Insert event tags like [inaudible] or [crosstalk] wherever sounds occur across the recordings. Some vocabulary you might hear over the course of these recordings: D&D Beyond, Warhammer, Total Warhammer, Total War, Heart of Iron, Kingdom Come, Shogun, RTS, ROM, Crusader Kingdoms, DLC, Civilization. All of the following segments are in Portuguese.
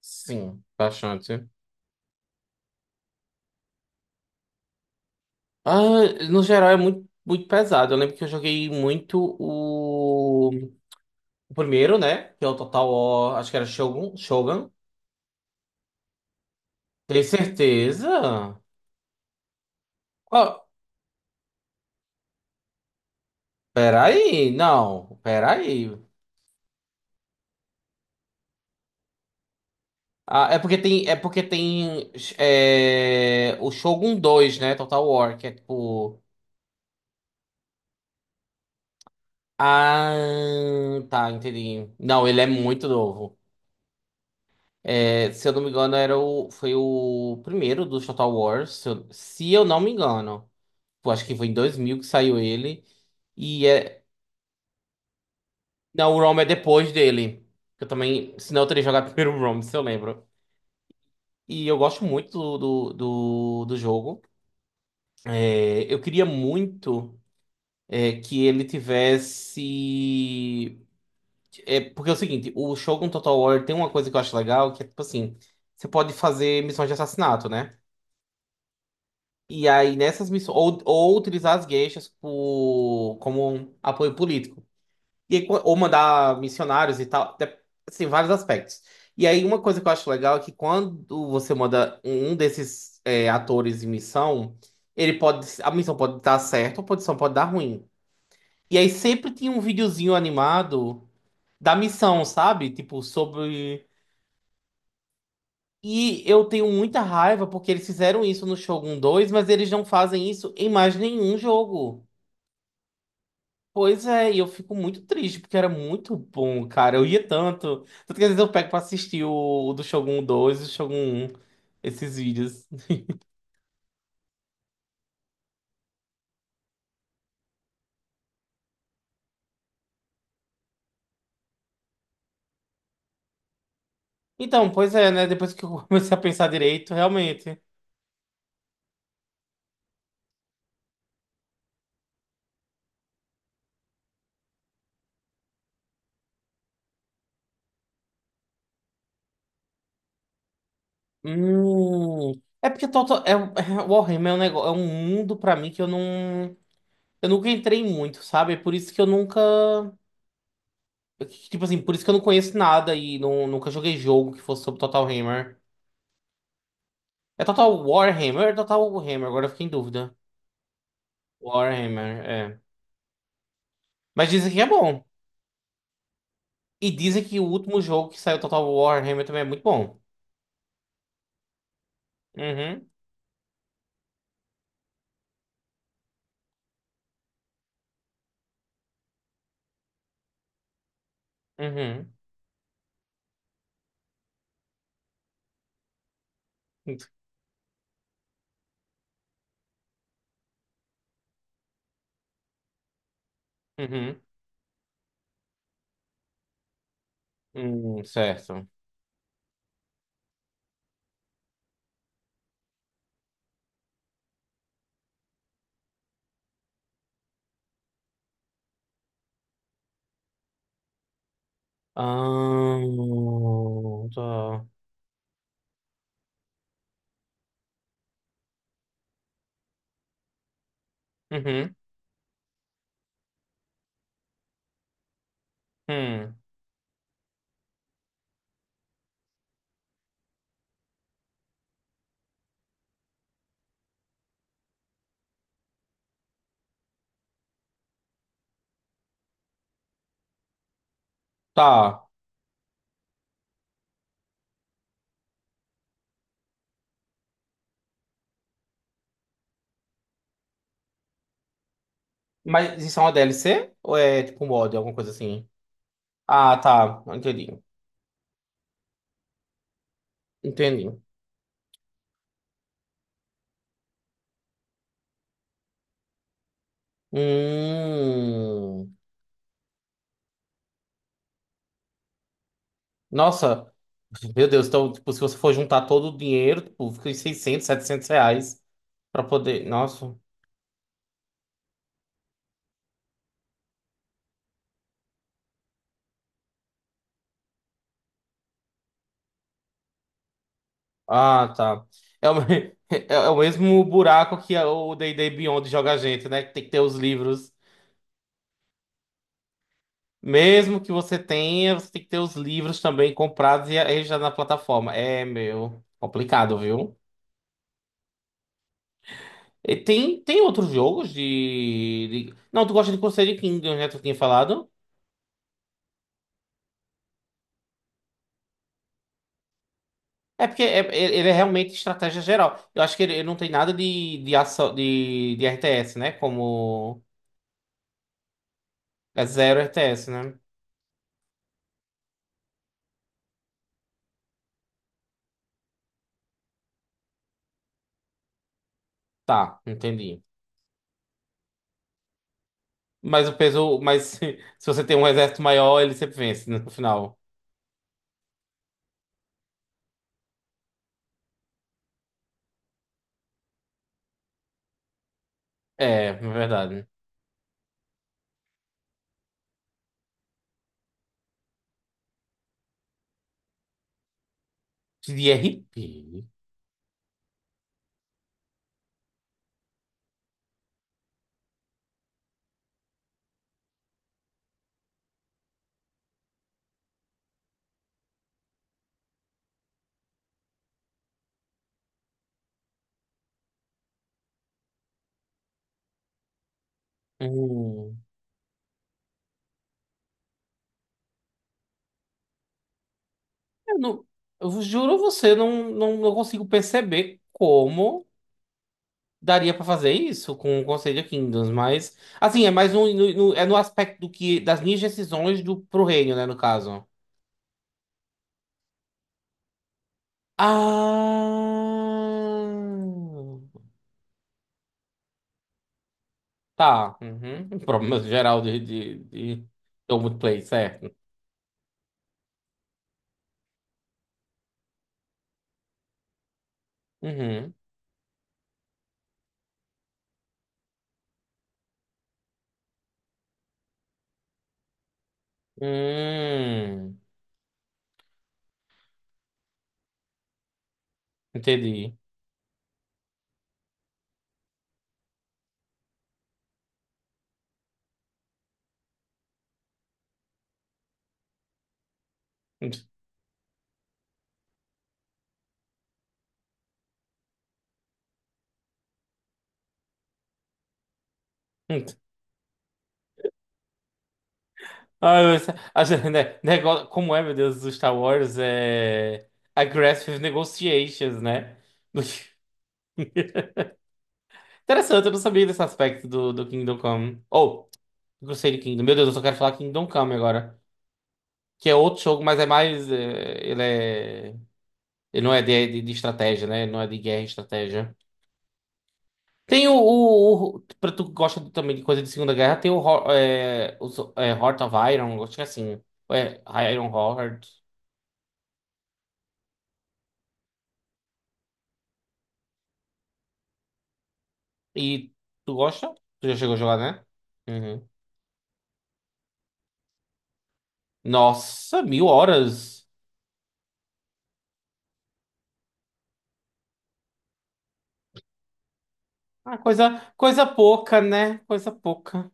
Sim, bastante. Ah, no geral é muito, muito pesado. Eu lembro que eu joguei muito o primeiro, né? Que é o Total War, acho que era Shogun. Tem certeza? Ó, peraí, não, peraí. Ah, é porque tem o Shogun 2, né? Total War, que é tipo. Ah, tá, entendi. Não, ele é muito novo. É, se eu não me engano, foi o primeiro dos Total Wars. Se eu não me engano. Eu acho que foi em 2000 que saiu ele. E é. Não, o ROM é depois dele. Eu também. Senão eu teria jogado [laughs] primeiro o ROM, se eu lembro. E eu gosto muito do jogo. É, eu queria muito que ele tivesse. É, porque é o seguinte: o Shogun Total War tem uma coisa que eu acho legal, que é tipo assim: você pode fazer missões de assassinato, né? E aí, nessas missões, ou utilizar as gueixas como um apoio político. E aí, ou mandar missionários e tal, assim, vários aspectos. E aí, uma coisa que eu acho legal é que quando você manda um desses atores em missão, a missão pode dar certo, ou a missão pode dar ruim. E aí, sempre tinha um videozinho animado da missão, sabe? Tipo, sobre. E eu tenho muita raiva porque eles fizeram isso no Shogun 2, mas eles não fazem isso em mais nenhum jogo. Pois é, e eu fico muito triste, porque era muito bom, cara. Eu ia tanto. Tanto que às vezes eu pego pra assistir o do Shogun 2 e o Shogun 1, esses vídeos. Então, pois é, né? Depois que eu [laughs] comecei a pensar direito, realmente. Hum. É porque Warhammer é um negócio, é um mundo pra mim que eu não. Eu nunca entrei muito, sabe? É por isso que eu nunca. Tipo assim, por isso que eu não conheço nada e não, nunca joguei jogo que fosse sobre Total Hammer. É Total Warhammer ou é Total Hammer? Agora eu fiquei em dúvida. Warhammer, é. Mas dizem que é bom. E dizem que o último jogo que saiu Total War Warhammer também é muito bom. Uhum, uhum, uhum, uhum, certo. Ah, tá. Uhum, hum, tá. Mas isso é uma DLC? Ou é tipo um mod, alguma coisa assim? Ah, tá. Entendi. Entendi. Hum. Nossa. Meu Deus, então, tipo, se você for juntar todo o dinheiro, tipo, fica em 600, R$ 700 pra poder. Nossa. Ah, tá. É [laughs] é o mesmo buraco que o D&D Beyond joga a gente, né? Que tem que ter os livros. Mesmo que você tenha, você tem que ter os livros também comprados e registrados na plataforma. É, meu, complicado, viu? E tem outros jogos Não, tu gosta de Crusader Kingdoms, né? Tu tinha falado. É porque ele é realmente estratégia geral. Eu acho que ele não tem nada de ação, de RTS, né? Como... É zero RTS, né? Tá, entendi. Mas [laughs] se você tem um exército maior, ele sempre vence, né, no final. É, é verdade. De RP. Hum. Eu, não, eu juro a você, não consigo perceber como daria pra fazer isso com o Conselho de Kingdoms, mas assim, é mais um, é no aspecto do que das minhas decisões do pro reino, né, no caso. Ah, tá. Uhum. [laughs] Um problema geral de Old Play, certo. Uhum. Hum, entendi. Ah, [laughs] como é, meu Deus, o Star Wars é aggressive negotiations, né? [laughs] Interessante, eu não sabia desse aspecto do Kingdom Come. Ou, oh, Crusader Kingdom. Meu Deus, eu só quero falar Kingdom Come agora. Que é outro jogo, mas é mais. É, ele é. Ele não é de estratégia, né? Ele não é de guerra e estratégia. Tem pra tu que gosta também de coisa de Segunda Guerra, tem o Heart of Iron, acho que é assim, Iron Heart. E tu gosta? Tu já chegou a jogar, né? Uhum. Nossa, 1.000 horas. Ah, coisa, coisa pouca, né? Coisa pouca.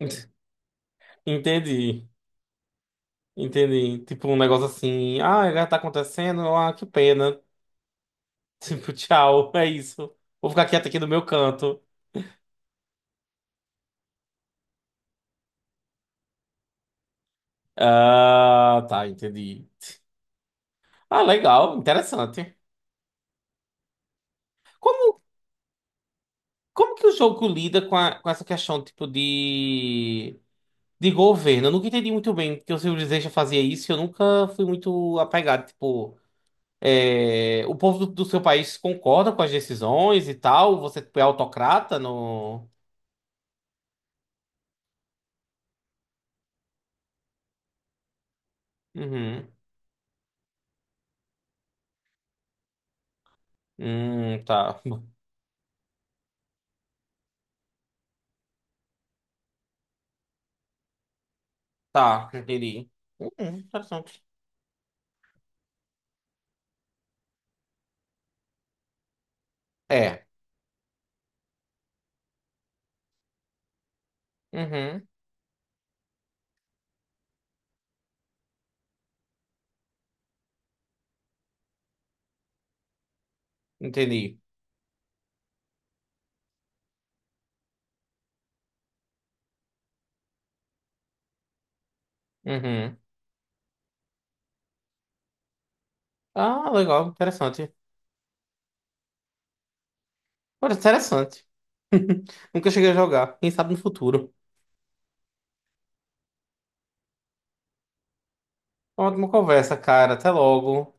[laughs] Entendi, entendi. Tipo um negócio assim, ah, agora tá acontecendo, ah, que pena. [laughs] Tipo, tchau, é isso. Vou ficar quieto aqui no meu canto. Ah, tá, entendi. Ah, legal, interessante. Como, como que o jogo lida com, com essa questão, tipo, de governo? Eu nunca entendi muito bem porque o Civilization fazia isso e eu nunca fui muito apegado, tipo... é, o povo do seu país concorda com as decisões e tal? Você, tipo, é autocrata no... Uhum. Tá. [laughs] Tá, entendi. Uhum, interessante. É. Uhum, entendi. Uhum. Ah, legal, interessante. Olha, interessante. [laughs] Nunca cheguei a jogar. Quem sabe no futuro. Ótima conversa, cara. Até logo.